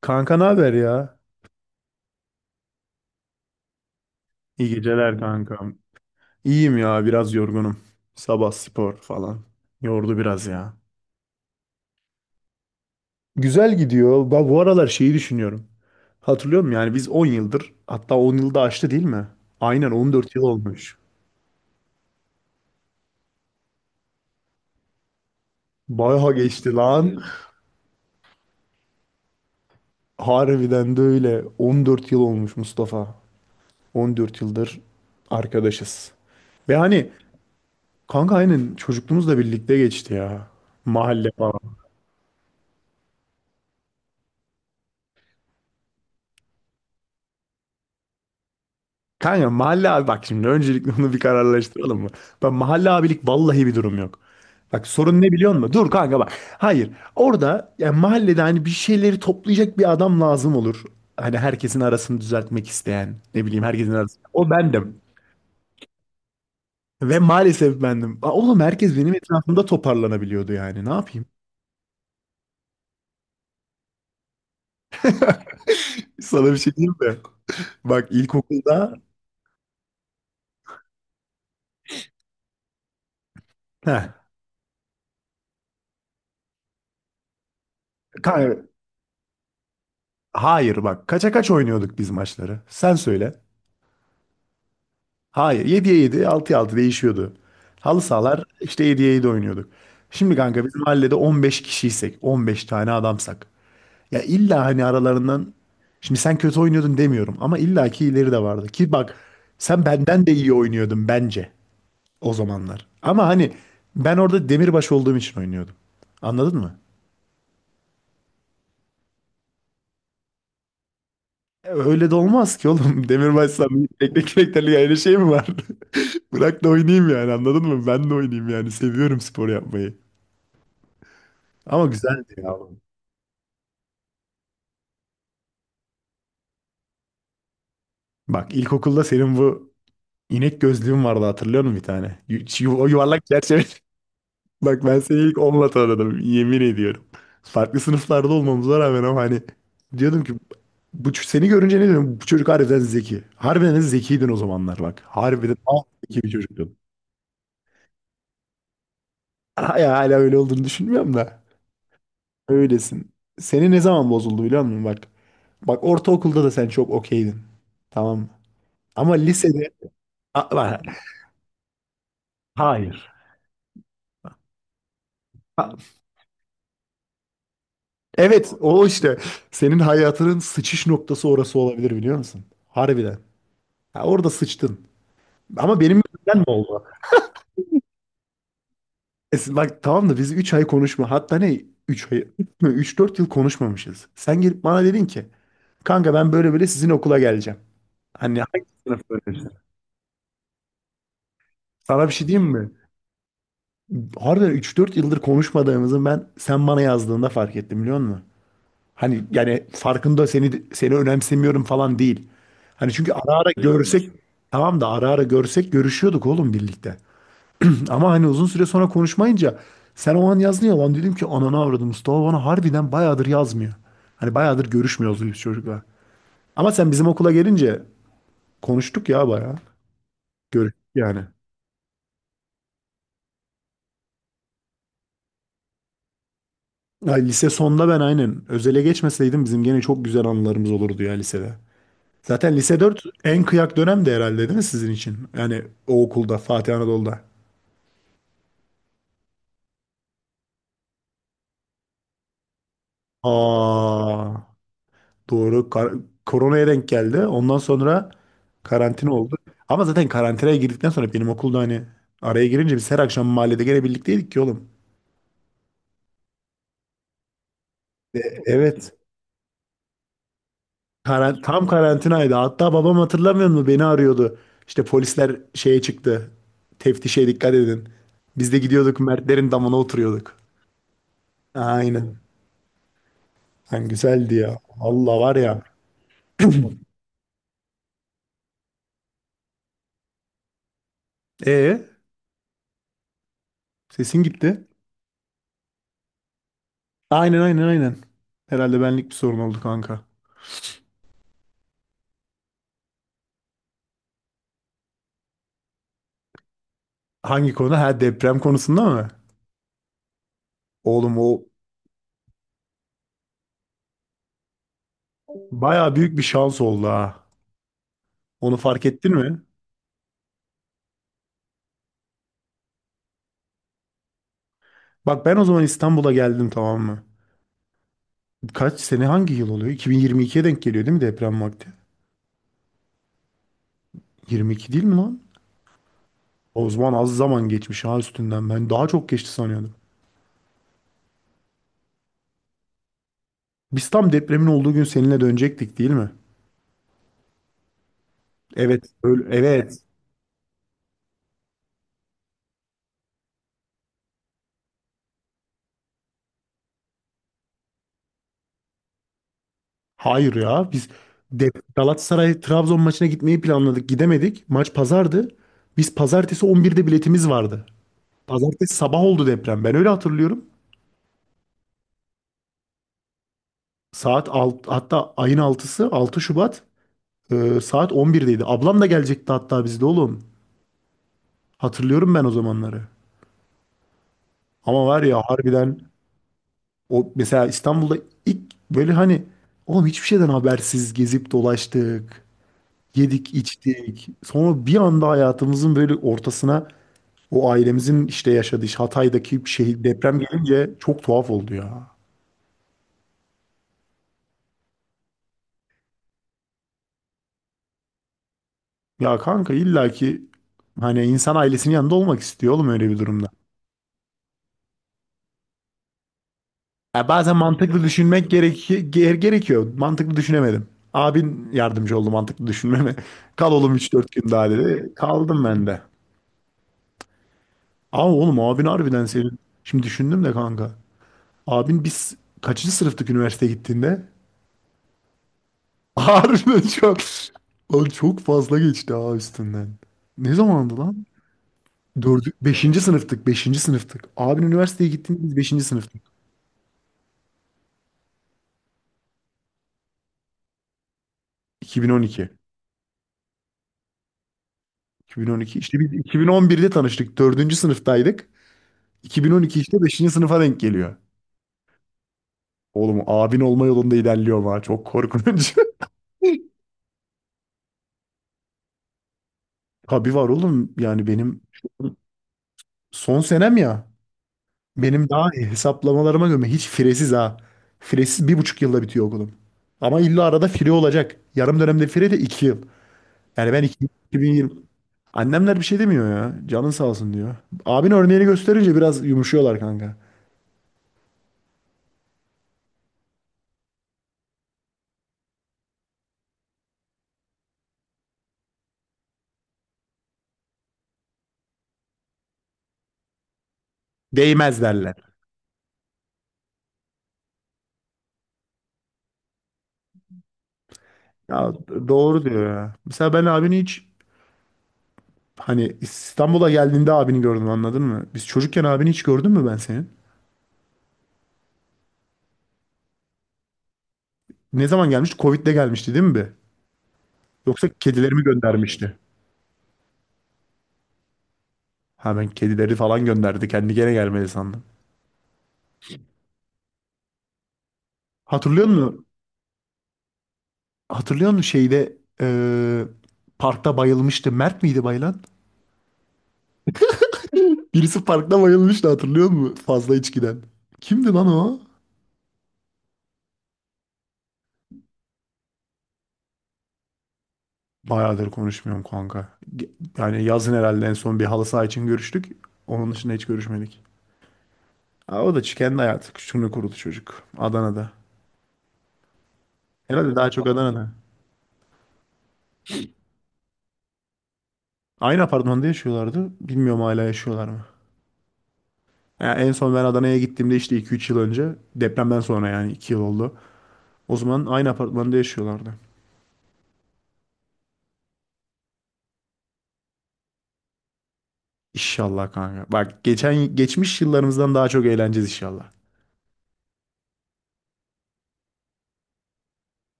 Kanka ne haber ya? İyi geceler kankam. İyiyim ya biraz yorgunum. Sabah spor falan. Yordu biraz ya. Güzel gidiyor. Ben bu aralar şeyi düşünüyorum. Hatırlıyor musun? Yani biz 10 yıldır, hatta 10 yılda aştı değil mi? Aynen 14 yıl olmuş. Bayağı geçti lan. Harbiden de öyle. 14 yıl olmuş Mustafa. 14 yıldır arkadaşız. Ve hani kanka aynen çocukluğumuzla birlikte geçti ya. Mahalle falan. Kanka mahalle abi, bak şimdi öncelikle onu bir kararlaştıralım mı? Bak mahalle abilik vallahi bir durum yok. Bak sorun ne biliyor musun? Dur kanka bak. Hayır. Orada yani mahallede hani bir şeyleri toplayacak bir adam lazım olur. Hani herkesin arasını düzeltmek isteyen. Ne bileyim herkesin arasını. O bendim. Ve maalesef bendim. Oğlum herkes benim etrafımda toparlanabiliyordu yani. Ne yapayım? Sana bir şey diyeyim mi? Bak ilkokulda... Heh, kanka, hayır bak. Kaça kaç oynuyorduk biz maçları? Sen söyle. Hayır. 7'ye 7, 6'ya 6 değişiyordu. Halı sahalar işte 7'ye 7 oynuyorduk. Şimdi kanka bizim mahallede 15 kişiysek, 15 tane adamsak. Ya illa hani aralarından, şimdi sen kötü oynuyordun demiyorum ama illaki ileri de vardı. Ki bak sen benden de iyi oynuyordun bence o zamanlar. Ama hani ben orada demirbaş olduğum için oynuyordum. Anladın mı? Öyle de olmaz ki oğlum. Demirbaşsam teknik direktörlük ayrı şey mi var? Bırak da oynayayım yani anladın mı? Ben de oynayayım yani. Seviyorum spor yapmayı. Ama güzeldi ya. Bak ilkokulda senin bu inek gözlüğün vardı hatırlıyor musun bir tane? O yuvarlak çerçeve. Bak ben seni ilk onunla tanıdım yemin ediyorum. Farklı sınıflarda olmamıza rağmen ama hani diyordum ki, bu seni görünce ne diyorum, bu çocuk harbiden zeki. Harbiden de zekiydin o zamanlar bak. Harbiden zeki bir çocuktun. Hala, hala öyle olduğunu düşünmüyorum da. Öylesin. Seni ne zaman bozuldu biliyor musun bak. Bak ortaokulda da sen çok okeydin. Tamam mı? Ama lisede... bak, hayır. Evet o işte senin hayatının sıçış noktası orası olabilir biliyor musun? Harbiden. Ha, orada sıçtın. Ama benim yüzümden mi oldu? Bak tamam da biz 3 ay konuşma. Hatta ne 3 ay, 3-4 yıl konuşmamışız. Sen gelip bana dedin ki kanka ben böyle böyle sizin okula geleceğim. Hani hangi sınıf öğrencisi? Sana bir şey diyeyim mi? Harbiden 3-4 yıldır konuşmadığımızı ben sen bana yazdığında fark ettim biliyor musun? Hani yani farkında seni önemsemiyorum falan değil. Hani çünkü ara ara görsek duymuyorsun. Tamam da ara ara görsek görüşüyorduk oğlum birlikte. Ama hani uzun süre sonra konuşmayınca sen o an yazdın ya, lan dedim ki ananı avradım Mustafa bana harbiden bayağıdır yazmıyor. Hani bayağıdır görüşmüyoruz biz çocukla. Ama sen bizim okula gelince konuştuk ya bayağı. Görüştük yani. Ay, lise sonda ben aynen özele geçmeseydim bizim gene çok güzel anılarımız olurdu ya lisede. Zaten lise 4 en kıyak dönemdi herhalde değil mi sizin için? Yani o okulda, Fatih Anadolu'da. Aa, doğru. Koronaya denk geldi. Ondan sonra karantina oldu. Ama zaten karantinaya girdikten sonra benim okulda hani araya girince biz her akşam mahallede gene birlikteydik ki oğlum. Evet. Tam karantinaydı. Hatta babam hatırlamıyor mu beni arıyordu. İşte polisler şeye çıktı. Teftişe dikkat edin. Biz de gidiyorduk Mertlerin damına oturuyorduk. Aynen. Lan güzeldi ya. Allah var ya. Ee sesin gitti. Aynen, aynen, aynen. Herhalde benlik bir sorun oldu kanka. Hangi konu? Ha, deprem konusunda mı? Oğlum o baya büyük bir şans oldu ha. Onu fark ettin mi? Bak ben o zaman İstanbul'a geldim tamam mı? Kaç sene hangi yıl oluyor? 2022'ye denk geliyor değil mi deprem vakti? 22 değil mi lan? O zaman az zaman geçmiş ha üstünden. Ben daha çok geçti sanıyordum. Biz tam depremin olduğu gün seninle dönecektik değil mi? Evet. Öyle, evet. Hayır ya biz de Galatasaray Trabzon maçına gitmeyi planladık. Gidemedik. Maç pazardı. Biz pazartesi 11'de biletimiz vardı. Pazartesi sabah oldu deprem. Ben öyle hatırlıyorum. Saat hatta ayın altısı 6 Şubat, saat 11'deydi. Ablam da gelecekti hatta bizde oğlum. Hatırlıyorum ben o zamanları. Ama var ya harbiden o mesela İstanbul'da ilk böyle hani oğlum hiçbir şeyden habersiz gezip dolaştık. Yedik, içtik. Sonra bir anda hayatımızın böyle ortasına o ailemizin işte yaşadığı işte Hatay'daki şehir deprem gelince çok tuhaf oldu ya. Ya kanka illaki hani insan ailesinin yanında olmak istiyor oğlum öyle bir durumda. Ya bazen mantıklı düşünmek gerekiyor. Mantıklı düşünemedim. Abin yardımcı oldu mantıklı düşünmeme. Kal oğlum 3-4 gün daha dedi. Kaldım ben de. Ama oğlum abin harbiden senin. Şimdi düşündüm de kanka. Abin biz kaçıncı sınıftık üniversiteye gittiğinde? Harbiden çok. Oğlum çok fazla geçti ha üstünden. Ne zamandı lan? Beşinci sınıftık, beşinci sınıftık. Abin üniversiteye gittiğinde biz beşinci sınıftık. 2012. 2012. İşte biz 2011'de tanıştık. Dördüncü sınıftaydık. 2012 işte beşinci sınıfa denk geliyor. Oğlum abin olma yolunda ilerliyor ha. Çok korkunç. Tabii var oğlum. Yani benim son senem ya. Benim daha iyi hesaplamalarıma göre hiç firesiz ha. Firesiz 1,5 yılda bitiyor okulum. Ama illa arada fire olacak. Yarım dönemde fire de 2 yıl. Yani ben 2020. Annemler bir şey demiyor ya. Canın sağ olsun diyor. Abin örneğini gösterince biraz yumuşuyorlar kanka. Değmez derler. Ya doğru diyor ya. Mesela ben abini hiç hani İstanbul'a geldiğinde abini gördüm anladın mı? Biz çocukken abini hiç gördün mü ben senin? Ne zaman gelmişti? Covid'de gelmişti değil mi be? Yoksa kedilerimi aynen göndermişti. Ha ben kedileri falan gönderdi. Kendi gene gelmedi sandım. Hatırlıyor musun? Hatırlıyor musun şeyde parkta bayılmıştı. Mert miydi bayılan? Birisi parkta bayılmıştı hatırlıyor musun? Fazla içkiden. Kimdi lan o? Bayağıdır konuşmuyorum kanka. Ge- Yani yazın herhalde en son bir halı saha için görüştük. Onun dışında hiç görüşmedik. O da kendi hayatı. Şunu kurulu çocuk. Adana'da. Herhalde daha çok Adana'da. Aynı apartmanda yaşıyorlardı. Bilmiyorum hala yaşıyorlar mı? Ya en son ben Adana'ya gittiğimde işte 2-3 yıl önce. Depremden sonra yani 2 yıl oldu. O zaman aynı apartmanda yaşıyorlardı. İnşallah kanka. Bak geçen geçmiş yıllarımızdan daha çok eğleneceğiz inşallah.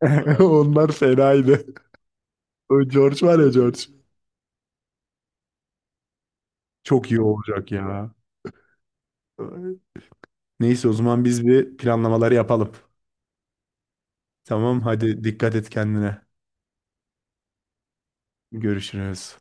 Onlar fenaydı. O George var ya George. Çok iyi olacak ya. Neyse o zaman biz bir planlamaları yapalım. Tamam hadi dikkat et kendine. Görüşürüz.